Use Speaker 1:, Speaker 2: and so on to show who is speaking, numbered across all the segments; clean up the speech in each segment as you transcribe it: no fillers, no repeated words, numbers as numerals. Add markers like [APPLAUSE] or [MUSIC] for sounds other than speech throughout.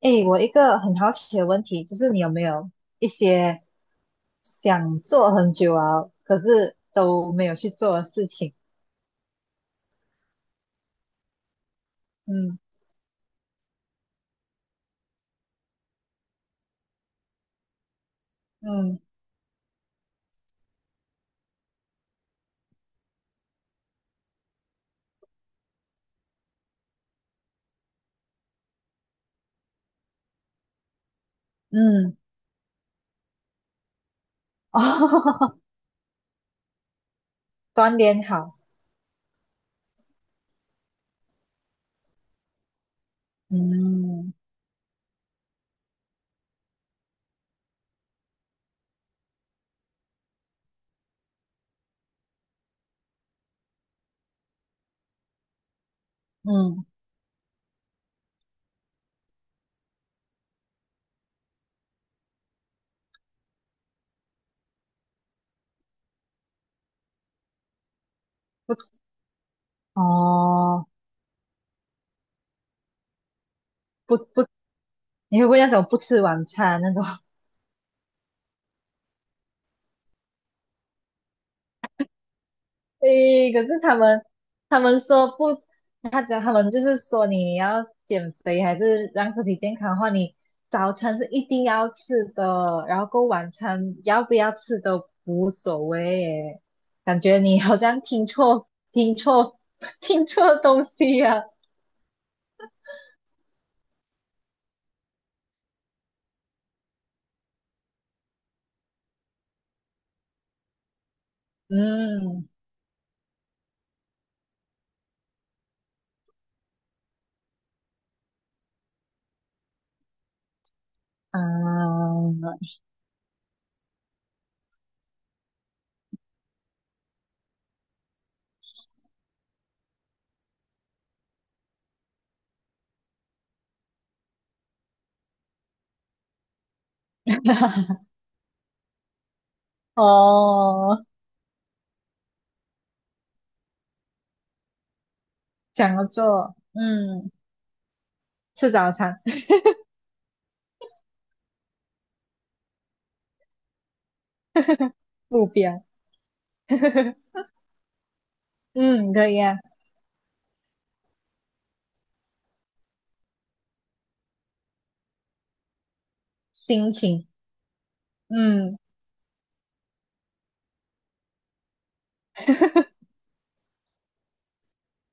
Speaker 1: 诶，我一个很好奇的问题，就是你有没有一些想做很久啊，可是都没有去做的事情？嗯嗯嗯，[LAUGHS] 哦，锻炼好，嗯嗯，不吃哦，不不，你会不会那种不吃晚餐那种？诶，可是他们说不，他讲他们就是说你要减肥还是让身体健康的话，你早餐是一定要吃的，然后过晚餐要不要吃都无所谓耶。感觉你好像听错 [LAUGHS] 听错东西呀？嗯啊 [LAUGHS] 哦，想要做嗯吃早餐目标，[LAUGHS] 嗯可以啊，心情嗯。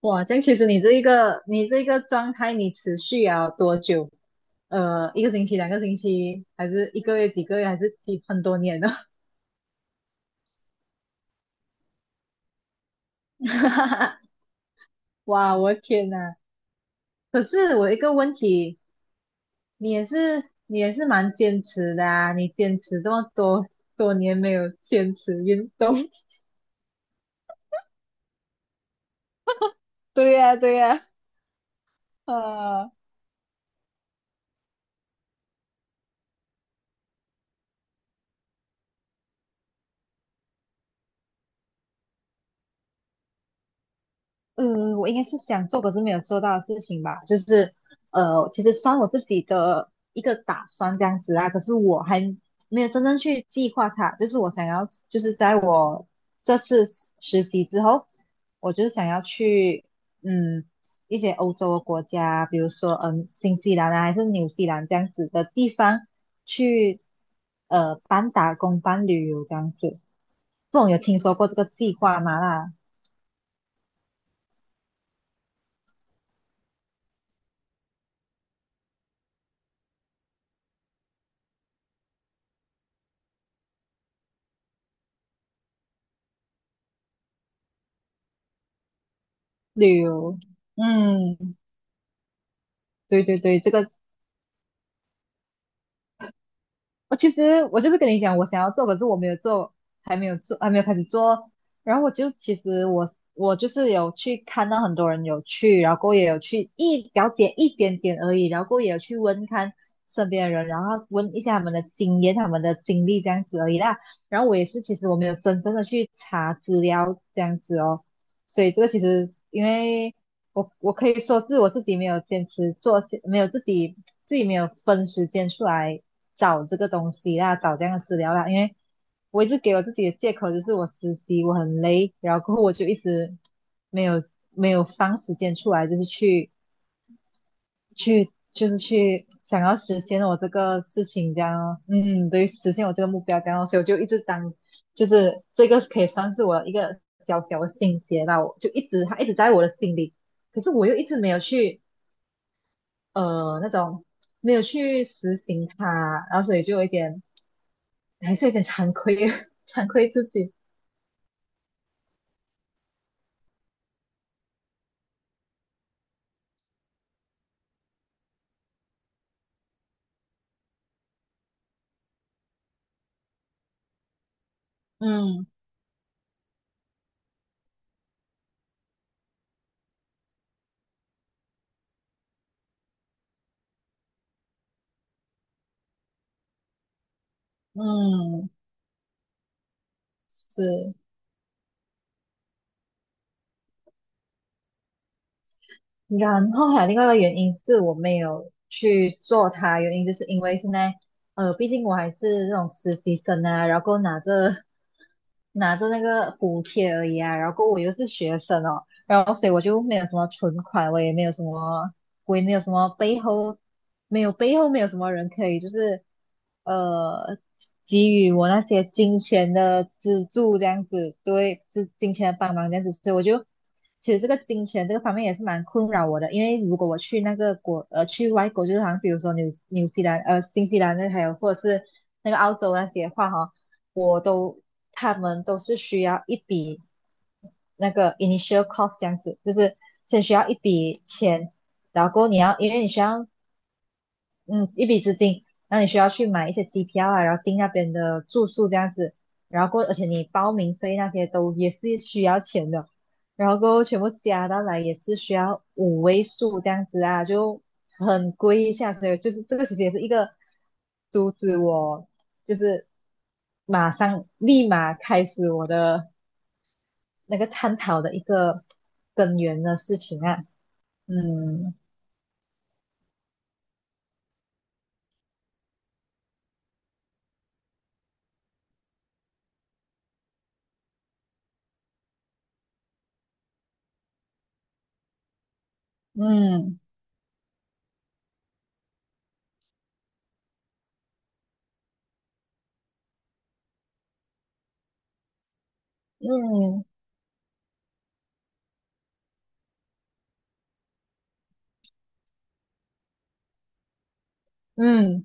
Speaker 1: 哇，这样其实你这个状态，你持续了多久？一个星期、两个星期，还是一个月、几个月，还是几很多年呢？[LAUGHS] 哇，我的天呐！可是我一个问题，你也是蛮坚持的啊，你坚持这么多年没有坚持运动，[LAUGHS] 对呀,对呀。啊，嗯，我应该是想做，可是没有做到的事情吧，就是其实算我自己的一个打算这样子啊，可是我还没有真正去计划它，就是我想要，就是在我这次实习之后，我就是想要去嗯一些欧洲的国家，比如说嗯新西兰啊，还是纽西兰这样子的地方去半打工半旅游这样子，不懂有听说过这个计划吗啦？啊旅游，嗯，对对对，这个我其实我就是跟你讲，我想要做，可是我没有做，还没有做，还没有开始做。然后我我就是有去看到很多人有去，然后过后也有去一了解一点点而已，然后过后也有去问看身边的人，然后问一下他们的经验、他们的经历这样子而已啦。然后我也是，其实我没有真正的去查资料这样子哦，所以这个其实因为。我我可以说是我自己没有坚持做，没有自己没有分时间出来找这个东西啦，找这样的资料啦，因为我一直给我自己的借口就是我实习我很累，然后过后我就一直没有没有放时间出来，就是去就是去想要实现我这个事情，这样哦嗯，对，实现我这个目标，这样哦所以我就一直当，就是这个可以算是我一个小小的心结吧，我就一直它一直在我的心里，可是我又一直没有去呃那种没有去实行它，然后所以就有一点还是有点惭愧 [LAUGHS] 惭愧自己，嗯嗯是。然后还有另外一个原因是我没有去做它，原因就是因为现在，毕竟我还是那种实习生啊，然后拿着 [LAUGHS] 拿着那个补贴而已啊，然后我又是学生哦，然后所以我就没有什么存款，我也没有什么鬼没有什么背后，没有什么人可以就是呃给予我那些金钱的资助这样子，对，是金钱的帮忙这样子，所以我就其实这个金钱这个方面也是蛮困扰我的，因为如果我去那个去外国，就是好像比如说纽纽西兰呃新西兰那还有或者是那个澳洲那些的话哈，我都他们都是需要一笔。那个 initial cost 这样子，就是先需要一笔钱，然后你要，因为你需要，嗯，一笔资金，那你需要去买一些机票啊，然后订那边的住宿这样子，然后过，而且你报名费那些都也是需要钱的，然后过后全部加到来也是需要五位数这样子啊，就很贵一下，所以就是这个其实也是一个阻止我，就是马上立马开始我的那个探讨的一个根源的事情啊，嗯嗯。嗯，嗯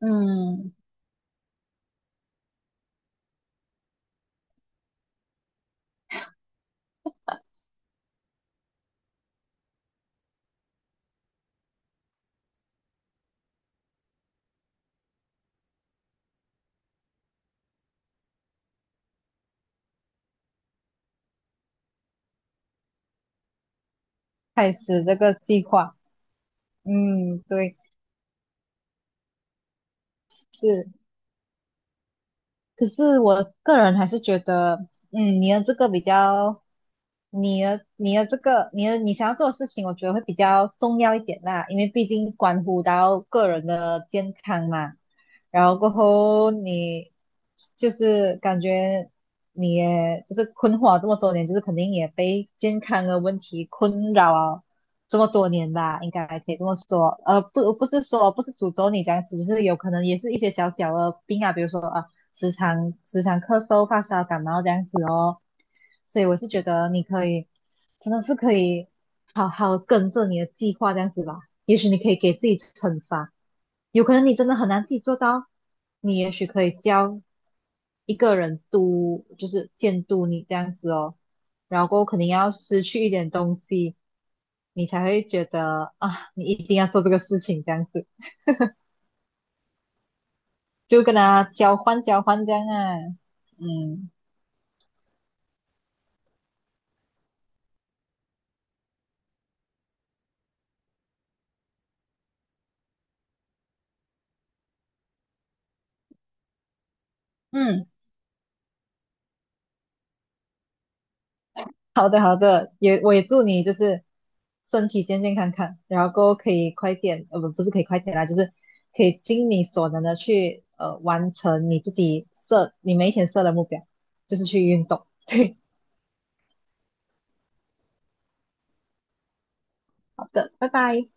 Speaker 1: 嗯，开始这个计划，嗯，对，是，可是我个人还是觉得，嗯，你的这个比较，你的你的这个你的你想要做的事情，我觉得会比较重要一点啦，因为毕竟关乎到个人的健康嘛。然后过后你就是感觉你也就是困惑了这么多年，就是肯定也被健康的问题困扰了这么多年吧，应该可以这么说。不是说不是诅咒你这样子，就是有可能也是一些小小的病啊，比如说啊。时常咳嗽、发烧、感冒这样子哦。所以我是觉得你可以，真的是可以好好跟着你的计划这样子吧。也许你可以给自己惩罚，有可能你真的很难自己做到，你也许可以教一个人督，就是监督你这样子哦。然后过后肯定要失去一点东西，你才会觉得啊，你一定要做这个事情这样子，就跟他交换这样啊，嗯。嗯。好的，好的，也我也祝你就是身体健健康康，然后过后可以快点，不是可以快点啦，就是可以尽你所能的去完成你自己设你每一天设的目标，就是去运动。[LAUGHS] 对，好的，拜拜。